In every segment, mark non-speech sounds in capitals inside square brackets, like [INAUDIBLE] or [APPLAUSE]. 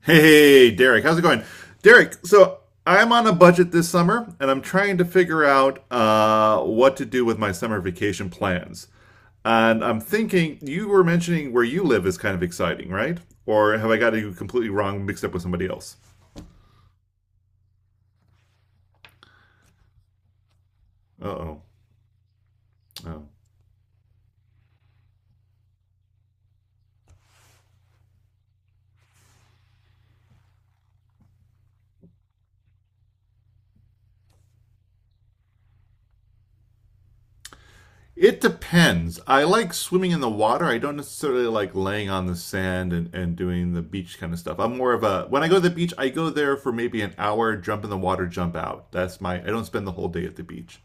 Hey, hey, hey, Derek, how's it going? Derek, so I'm on a budget this summer and I'm trying to figure out what to do with my summer vacation plans. And I'm thinking, you were mentioning where you live is kind of exciting, right? Or have I got you completely wrong, mixed up with somebody else? Uh oh. Oh. It depends. I like swimming in the water. I don't necessarily like laying on the sand and doing the beach kind of stuff. I'm more of a When I go to the beach, I go there for maybe an hour, jump in the water, jump out. That's my I don't spend the whole day at the beach.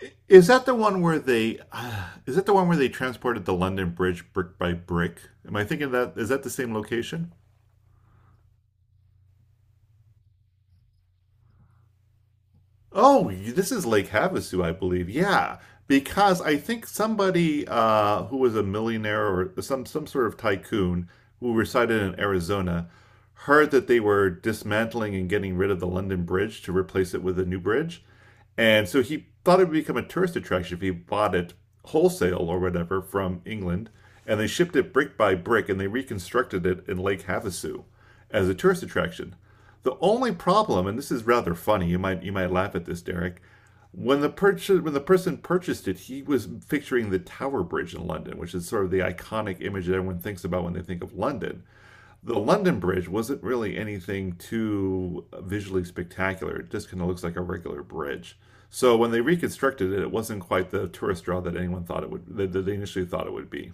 Is that the one where they is that the one where they transported the London Bridge brick by brick? Am I thinking that is that the same location? Oh, this is Lake Havasu, I believe. Yeah, because I think somebody who was a millionaire or some sort of tycoon who resided in Arizona heard that they were dismantling and getting rid of the London Bridge to replace it with a new bridge, and so he thought it would become a tourist attraction if he bought it wholesale or whatever from England, and they shipped it brick by brick and they reconstructed it in Lake Havasu as a tourist attraction. The only problem, and this is rather funny, you might laugh at this, Derek. When the person purchased it, he was picturing the Tower Bridge in London, which is sort of the iconic image that everyone thinks about when they think of London. The London Bridge wasn't really anything too visually spectacular. It just kind of looks like a regular bridge. So when they reconstructed it, it wasn't quite the tourist draw that anyone thought it would that they initially thought it would be.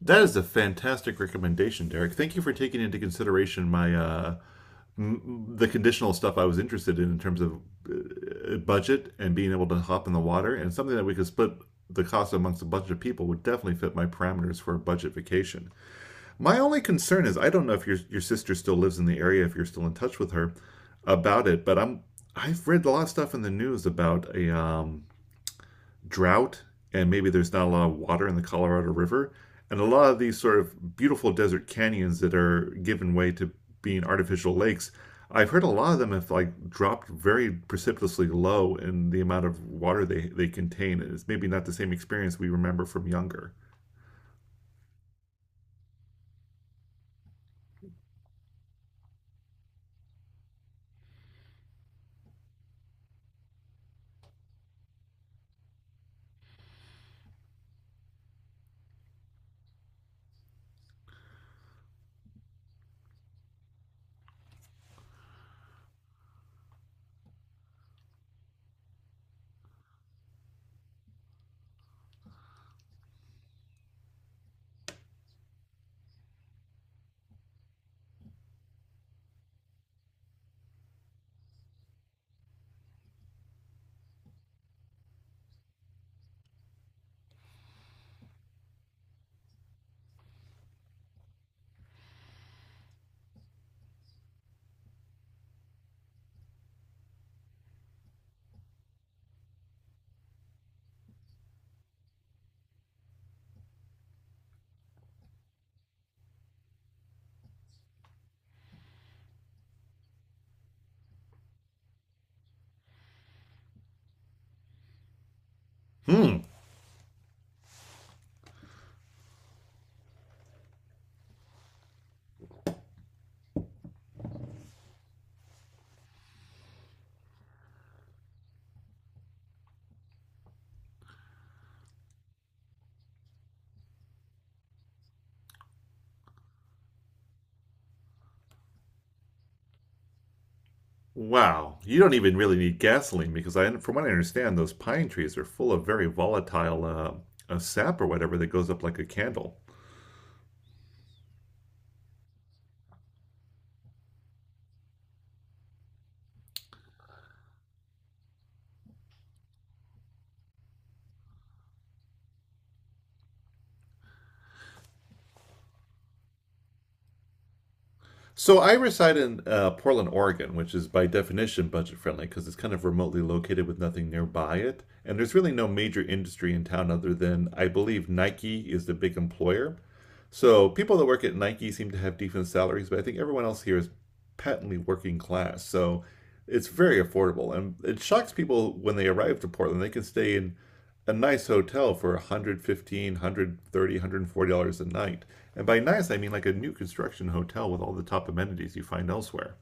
That is a fantastic recommendation, Derek. Thank you for taking into consideration my the conditional stuff I was interested in terms of budget and being able to hop in the water and something that we could split the cost amongst a bunch of people would definitely fit my parameters for a budget vacation. My only concern is I don't know if your sister still lives in the area if you're still in touch with her about it, but I've read a lot of stuff in the news about a drought and maybe there's not a lot of water in the Colorado River. And a lot of these sort of beautiful desert canyons that are given way to being artificial lakes, I've heard a lot of them have like dropped very precipitously low in the amount of water they contain. And it's maybe not the same experience we remember from younger. Hmm. Wow. You don't even really need gasoline because I, from what I understand, those pine trees are full of very volatile sap or whatever that goes up like a candle. So I reside in Portland, Oregon, which is by definition budget friendly because it's kind of remotely located with nothing nearby it. And there's really no major industry in town other than I believe Nike is the big employer. So people that work at Nike seem to have decent salaries, but I think everyone else here is patently working class. So it's very affordable, and it shocks people when they arrive to Portland. They can stay in a nice hotel for 115 130 $140, $130, $140 a night. And by nice I mean like a new construction hotel with all the top amenities you find elsewhere.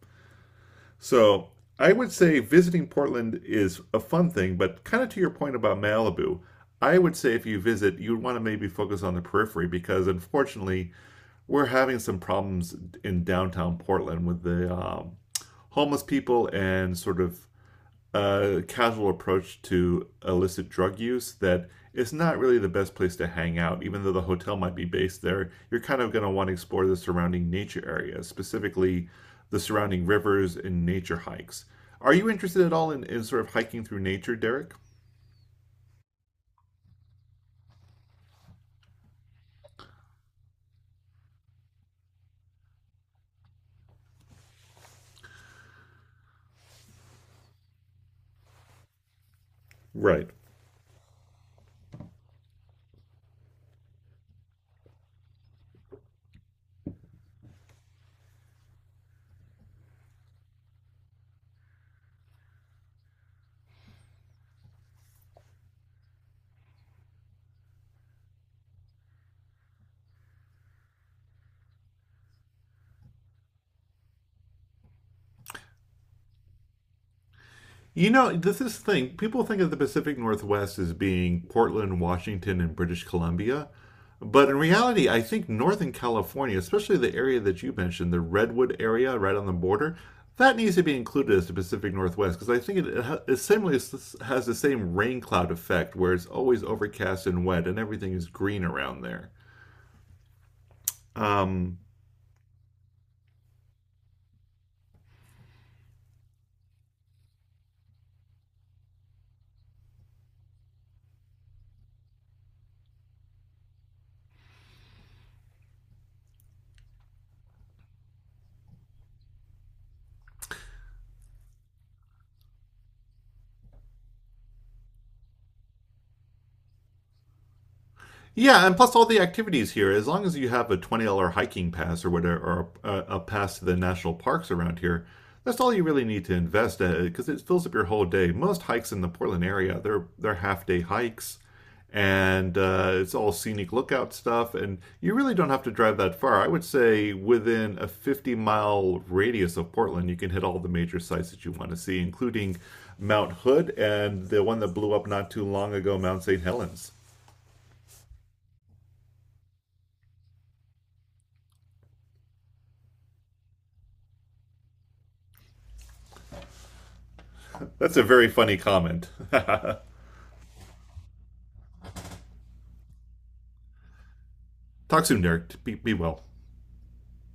So I would say visiting Portland is a fun thing, but kind of to your point about Malibu, I would say if you visit you would want to maybe focus on the periphery because unfortunately we're having some problems in downtown Portland with the homeless people and sort of a casual approach to illicit drug use that it's not really the best place to hang out. Even though the hotel might be based there, you're kind of going to want to explore the surrounding nature areas, specifically the surrounding rivers and nature hikes. Are you interested at all in sort of hiking through nature, Derek? Right. You know, this is the thing. People think of the Pacific Northwest as being Portland, Washington, and British Columbia. But in reality, I think Northern California, especially the area that you mentioned, the Redwood area right on the border, that needs to be included as the Pacific Northwest because I think it similarly has the same rain cloud effect where it's always overcast and wet and everything is green around there. Um, Yeah, and plus all the activities here. As long as you have a $20 hiking pass or whatever, or a pass to the national parks around here, that's all you really need to invest in because it fills up your whole day. Most hikes in the Portland area, they're half day hikes, and it's all scenic lookout stuff, and you really don't have to drive that far. I would say within a 50 mile radius of Portland, you can hit all the major sites that you want to see, including Mount Hood and the one that blew up not too long ago, Mount St. Helens. That's a very funny comment. [LAUGHS] Talk soon, Derek. Be well.